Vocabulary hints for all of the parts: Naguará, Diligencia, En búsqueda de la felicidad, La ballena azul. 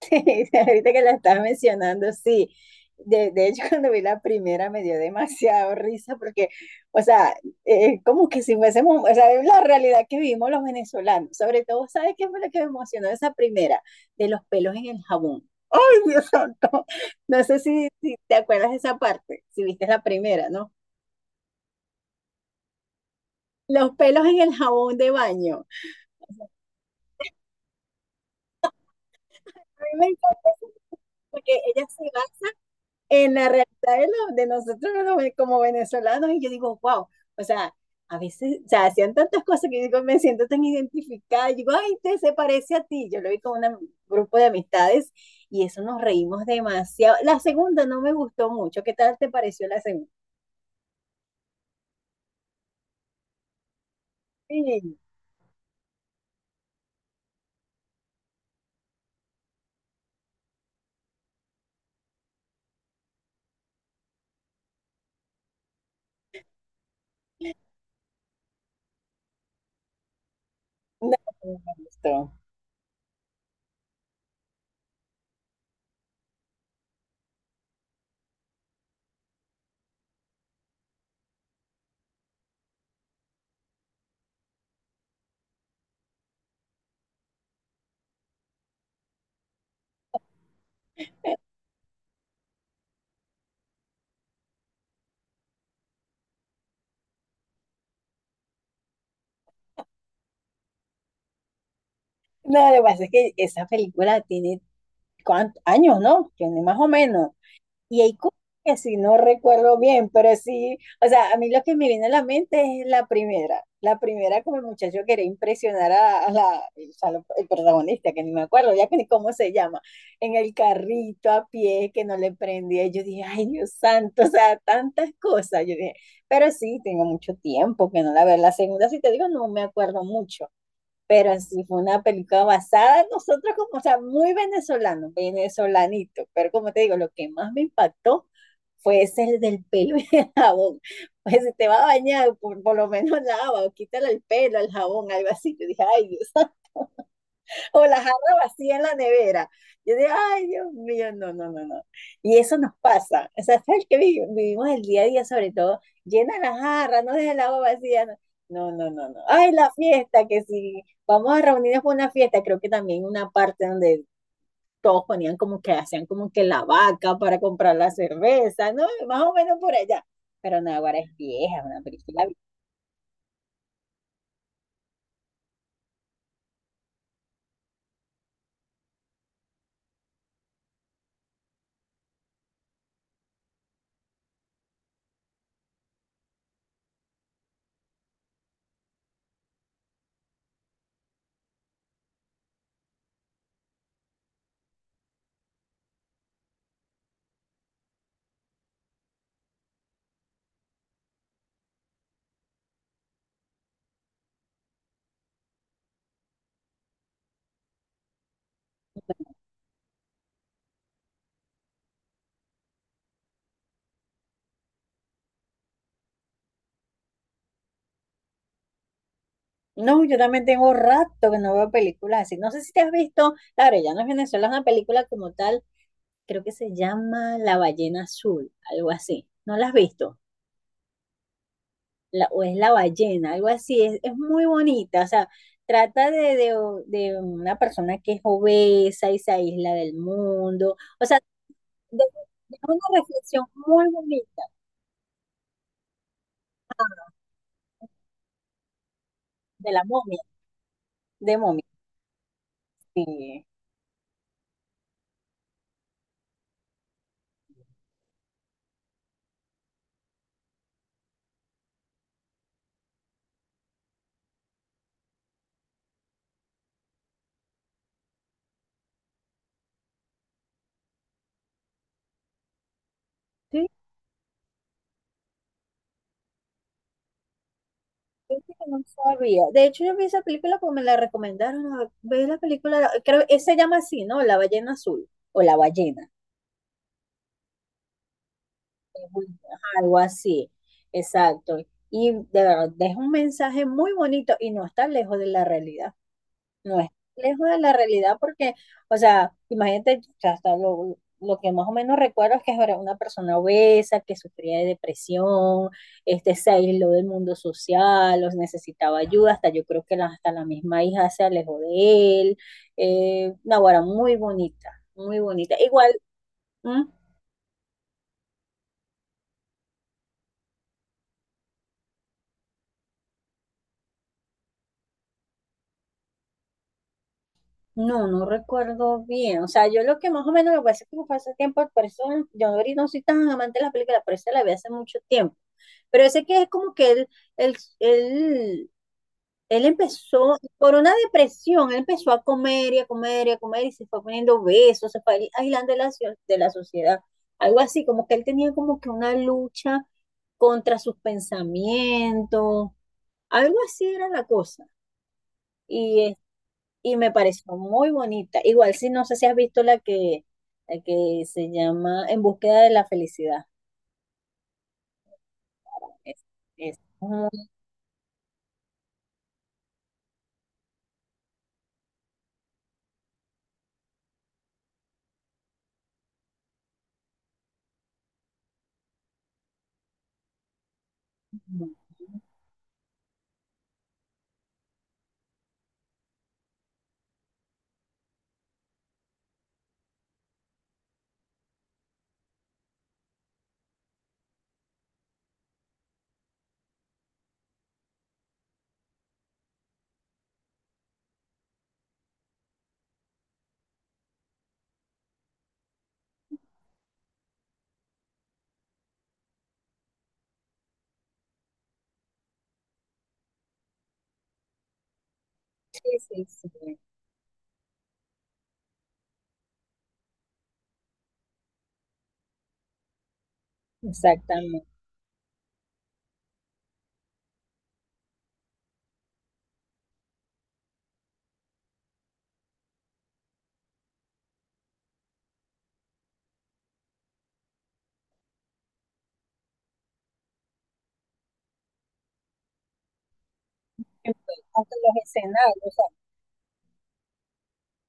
Sí, ahorita que la estás mencionando, sí. De hecho, cuando vi la primera me dio demasiado risa porque, o sea, como que si fuésemos, o sea, es la realidad que vivimos los venezolanos. Sobre todo, ¿sabes qué fue lo que me emocionó de esa primera? De los pelos en el jabón. ¡Ay, Dios santo! No sé si te acuerdas de esa parte, si viste la primera, ¿no? Los pelos en el jabón de baño. A mí me encanta porque ella se va en la realidad de, de nosotros, ¿no? Como venezolanos, y yo digo, wow, o sea, a veces, o sea, hacían tantas cosas que yo digo, me siento tan identificada, yo digo, ay, te se parece a ti. Yo lo vi con un grupo de amistades y eso nos reímos demasiado. La segunda no me gustó mucho. ¿Qué tal te pareció la segunda? Sí, no, no me gustó. No, lo que pasa es que esa película tiene cuántos años, ¿no? Tiene más o menos. Y hay cosas que si no recuerdo bien, pero sí, o sea, a mí lo que me viene a la mente es la primera. La primera, como el muchacho quería impresionar a, la, o sea, el protagonista, que ni me acuerdo ya que ni cómo se llama, en el carrito a pie que no le prendía. Yo dije, ay Dios santo, o sea, tantas cosas. Yo dije, pero sí, tengo mucho tiempo que no la veo. La segunda, si te digo, no me acuerdo mucho, pero sí fue una película basada en nosotros como, o sea, muy venezolano, venezolanito, pero como te digo, lo que más me impactó fue ese, el del pelo y el jabón. Pues si te va a bañar, por lo menos lava o quítale el pelo, el jabón, algo así. Yo dije, ay Dios. O la jarra vacía en la nevera. Yo digo, ay, Dios mío, no, no, no, no. Y eso nos pasa. O sea, ¿sabes qué vivimos el día a día, sobre todo? Llena la jarra, no dejes el agua vacía. No, no, no, no, no. Ay, la fiesta, que si vamos a reunirnos por una fiesta, creo que también una parte donde todos ponían como que hacían como que la vaca para comprar la cerveza, ¿no? Más o menos por allá. Pero Naguará, es vieja, una película. No, yo también tengo rato que no veo películas así. No sé si te has visto, claro, ya no es Venezuela, es una película como tal, creo que se llama La ballena azul, algo así. ¿No la has visto? O es La ballena, algo así. Es muy bonita, o sea, trata de una persona que es obesa y se aísla del mundo. O sea, de, de una reflexión muy bonita de la momia, de momia. Sí. Es que no sabía. De hecho, yo vi esa película porque me la recomendaron. Ah, ve la película, creo que se llama así, ¿no? La ballena azul o la ballena, ajá, algo así. Exacto. Y de verdad, deja un mensaje muy bonito y no está lejos de la realidad. No es lejos de la realidad porque, o sea, imagínate, o sea, hasta lo que más o menos recuerdo es que era una persona obesa, que sufría de depresión, se aisló del mundo social, los necesitaba ayuda, hasta yo creo que hasta la misma hija se alejó de él. Naguará, muy bonita, muy bonita. Igual, ¿m? No, no recuerdo bien. O sea, yo lo que más o menos, lo que pasa es que fue hace tiempo, por eso yo ahorita no soy tan amante de la película, por eso la vi hace mucho tiempo. Pero ese que es como que él, él, él empezó por una depresión, él empezó a comer y a comer y a comer y se fue poniendo obeso, se fue aislando de la, de la sociedad, algo así, como que él tenía como que una lucha contra sus pensamientos, algo así era la cosa. Y, es y me pareció muy bonita. Igual, si no sé si has visto la que se llama En búsqueda de la felicidad. Es, es muy... Sí, sí, sí, exactamente. En- hasta los escenarios, o sea,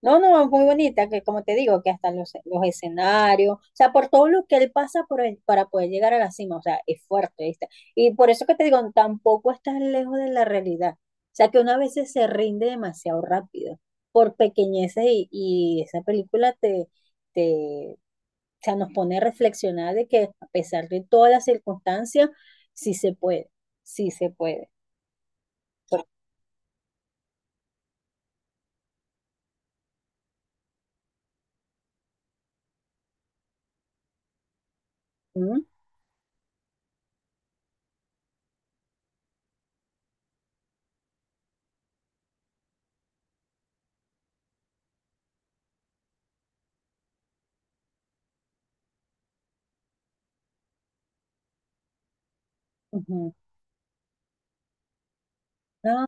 no, no, muy bonita, que como te digo, que hasta los escenarios, o sea, por todo lo que él pasa por para poder llegar a la cima, o sea, es fuerte, ¿viste? Y por eso que te digo, tampoco estás lejos de la realidad, o sea, que una veces se rinde demasiado rápido, por pequeñeces, y esa película te, te, o sea, nos pone a reflexionar de que a pesar de todas las circunstancias, sí se puede, sí se puede. Por- ¿Mm? Ujú. No,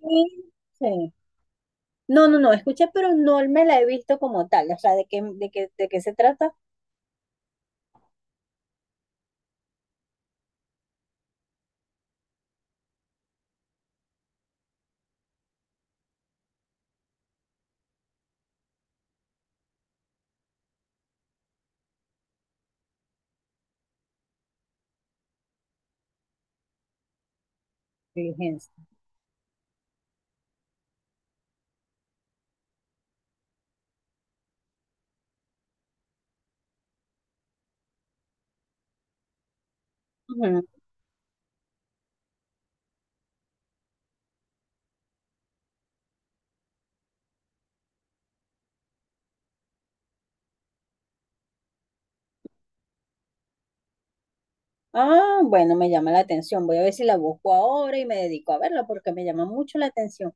sí, sí. No, no, no, escuché, pero no me la he visto como tal. O sea, ¿de qué, de qué, de qué se trata? Diligencia. Ujú. Ah, bueno, me llama la atención. Voy a ver si la busco ahora y me dedico a verla porque me llama mucho la atención.